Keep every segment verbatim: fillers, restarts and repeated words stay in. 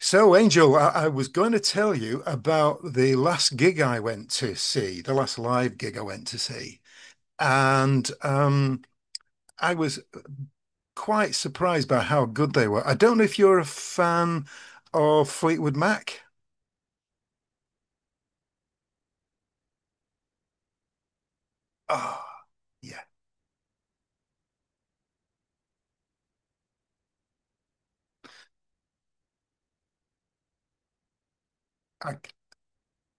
So, Angel, I, I was going to tell you about the last gig I went to see, the last live gig I went to see. And um, I was quite surprised by how good they were. I don't know if you're a fan of Fleetwood Mac. Oh, yeah. I,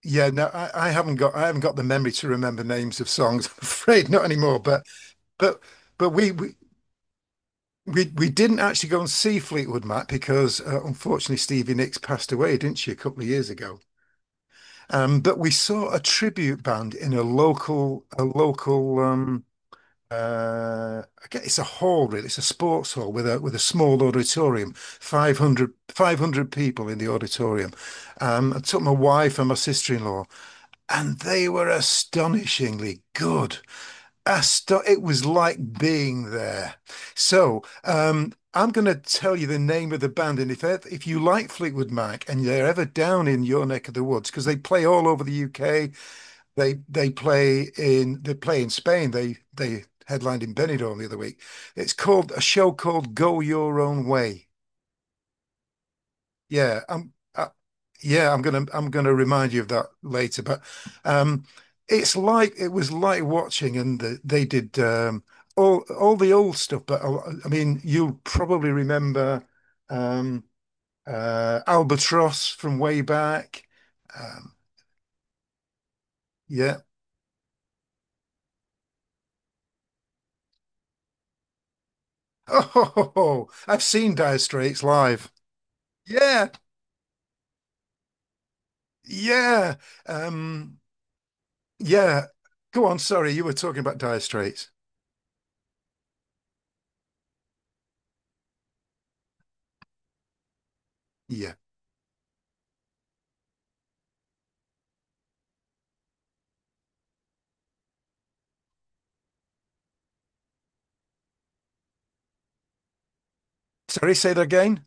yeah, no, I, I haven't got I haven't got the memory to remember names of songs, I'm afraid, not anymore. But but but we we we, we didn't actually go and see Fleetwood Mac because uh, unfortunately Stevie Nicks passed away, didn't she, a couple of years ago? Um, but we saw a tribute band in a local, a local, um, uh, I guess it's a hall, really. It's a sports hall with a with a small auditorium, Five hundred, five hundred people in the auditorium. Um, I took my wife and my sister-in-law, and they were astonishingly good. Asto It was like being there. So, um, I'm going to tell you the name of the band, and if ev- if you like Fleetwood Mac and they're ever down in your neck of the woods, because they play all over the U K, they they play in they play in Spain. They they headlined in Benidorm the other week. It's called a show called Go Your Own Way. Yeah, I'm I, yeah, I'm gonna I'm gonna remind you of that later. But um, it's like it was like watching, and the, they did um, all all the old stuff. But I, I mean, you'll probably remember um, uh, Albatross from way back. Um, yeah. Oh, I've seen Dire Straits live. Yeah, yeah, um, yeah. Go on. Sorry, you were talking about Dire Straits. Yeah. Sorry, say that again.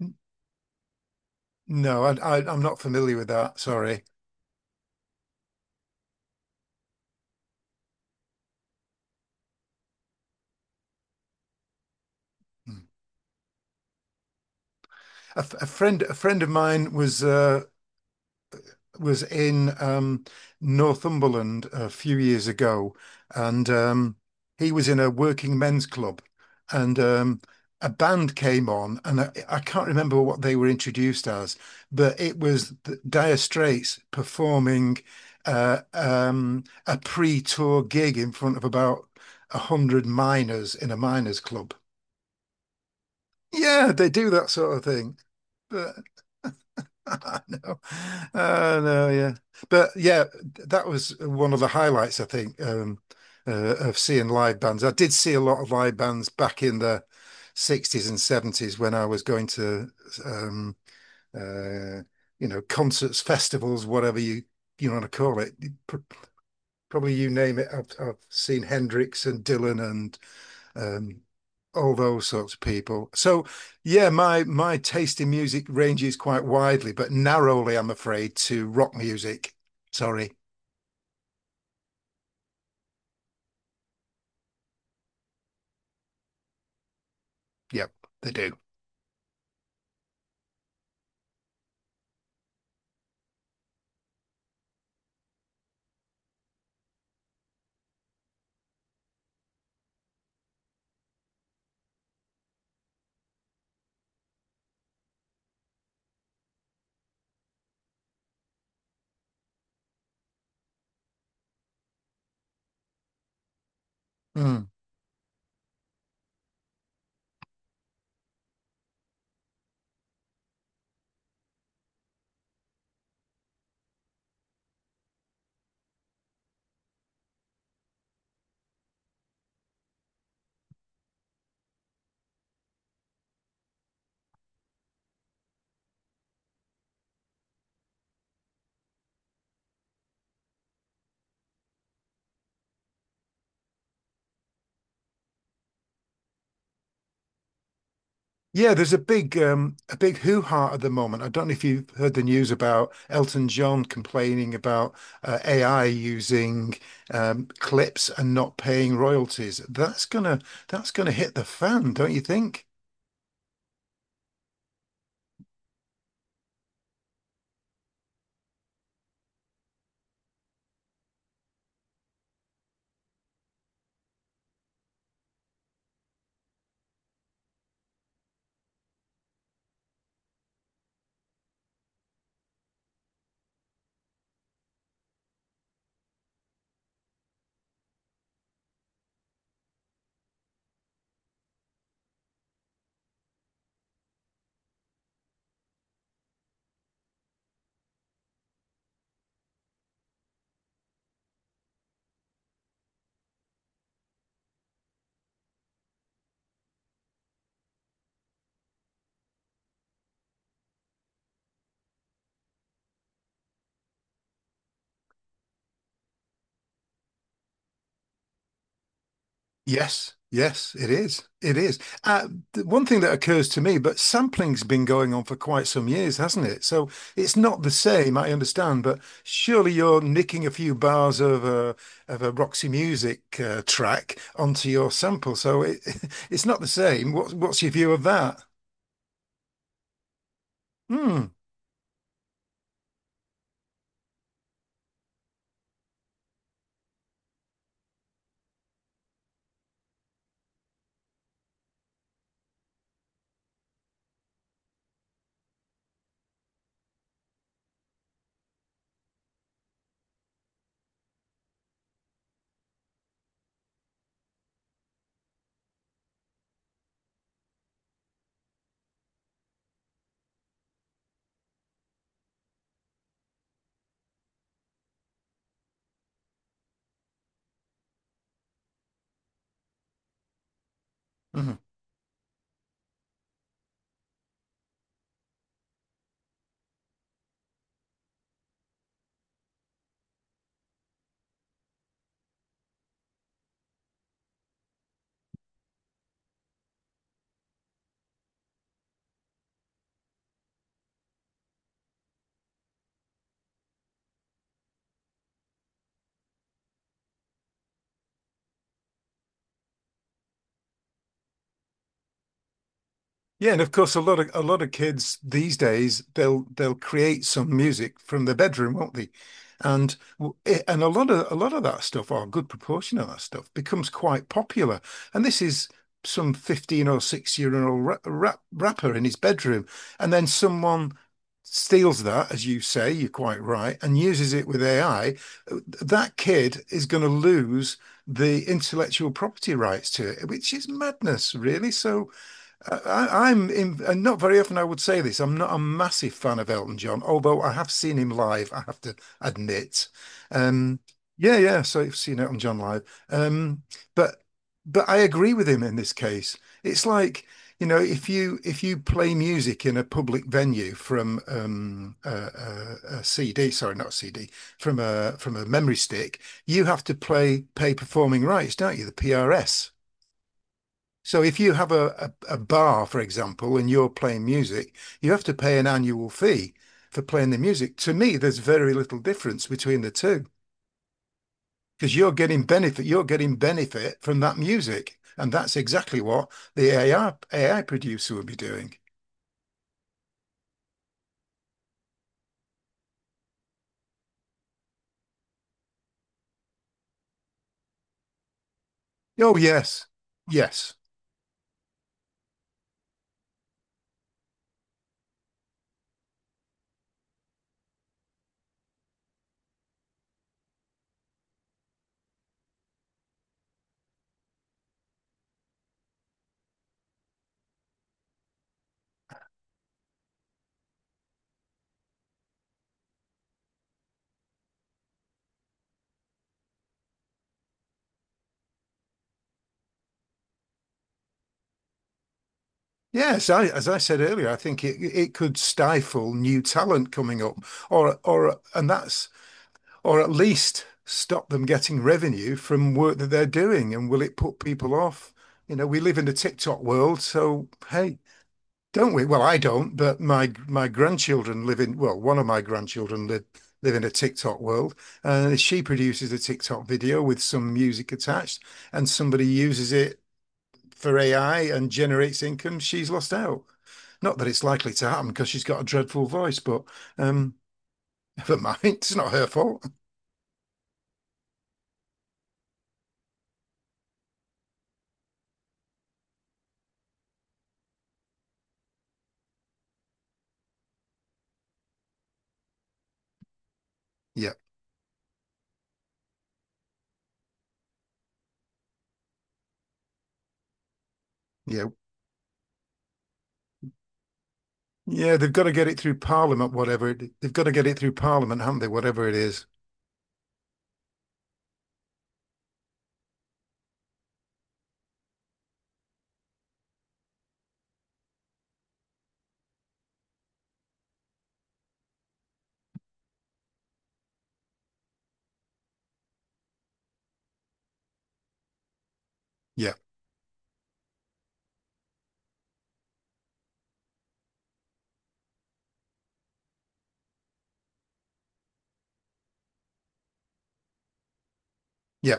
N- No, I, I, I'm not familiar with that. Sorry. Mm. A, f- a friend, a friend of mine was uh, was in um, Northumberland a few years ago, and um, he was in a working men's club, and um, a band came on, and I, I can't remember what they were introduced as, but it was the Dire Straits performing uh, um, a pre-tour gig in front of about a hundred miners in a miners' club. Yeah, they do that sort of thing, but. No. Oh no, yeah. But yeah, that was one of the highlights, I think, um, uh, of seeing live bands. I did see a lot of live bands back in the sixties and seventies when I was going to, um, uh, you know, concerts, festivals, whatever you you want to call it. P- Probably you name it. I've, I've seen Hendrix and Dylan and um, all those sorts of people. So yeah, my my taste in music ranges quite widely, but narrowly, I'm afraid, to rock music. Sorry. Yep, they do. Mm. Yeah, there's a big um, a big hoo ha at the moment. I don't know if you've heard the news about Elton John complaining about uh, A I using um, clips and not paying royalties. That's gonna that's gonna hit the fan, don't you think? Yes, yes, it is. It is. Uh, th- one thing that occurs to me, but sampling's been going on for quite some years, hasn't it? So it's not the same, I understand, but surely you're nicking a few bars of a of a Roxy Music uh, track onto your sample, so it it's not the same. What, what's your view of that? Hmm. hmm. Yeah, and of course, a lot of a lot of kids these days they'll they'll create some music from their bedroom, won't they? And w- i- and a lot of a lot of that stuff, or a good proportion of that stuff, becomes quite popular. And this is some fifteen or six year old rap, rap, rapper in his bedroom, and then someone steals that, as you say, you're quite right, and uses it with A I. That kid is going to lose the intellectual property rights to it, which is madness, really. So. I, I'm in, and not very often I would say this. I'm not a massive fan of Elton John, although I have seen him live, I have to admit. Um, yeah, yeah. So I've seen Elton John live. Um, but but I agree with him in this case. It's like, you know, if you if you play music in a public venue from um, a, a C D, sorry, not a C D, from a from a memory stick, you have to play pay performing rights, don't you? The P R S. So if you have a, a, a bar, for example, and you're playing music, you have to pay an annual fee for playing the music. To me, there's very little difference between the two because you're getting benefit, you're getting benefit from that music. And that's exactly what the A I, A I producer would be doing. Oh, yes. Yes. Yes, I, as I said earlier, I think it it could stifle new talent coming up, or or and that's or at least stop them getting revenue from work that they're doing? And will it put people off? You know, we live in a TikTok world, so hey, don't we? Well, I don't, but my my grandchildren live in, well, one of my grandchildren live live in a TikTok world, and she produces a TikTok video with some music attached, and somebody uses it for A I and generates income, she's lost out. Not that it's likely to happen because she's got a dreadful voice, but um, never mind, it's not her fault. Yeah, yeah. Yeah, they've got to get it through Parliament, whatever it, they've got to get it through Parliament, haven't they? Whatever it is. Yeah, yeah.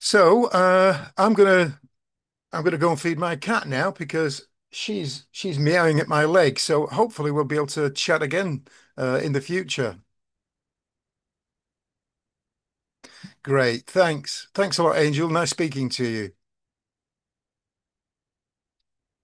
So uh, I'm gonna I'm gonna go and feed my cat now because she's she's meowing at my leg. So hopefully we'll be able to chat again uh, in the future. Great, thanks, thanks a lot, Angel. Nice speaking to you.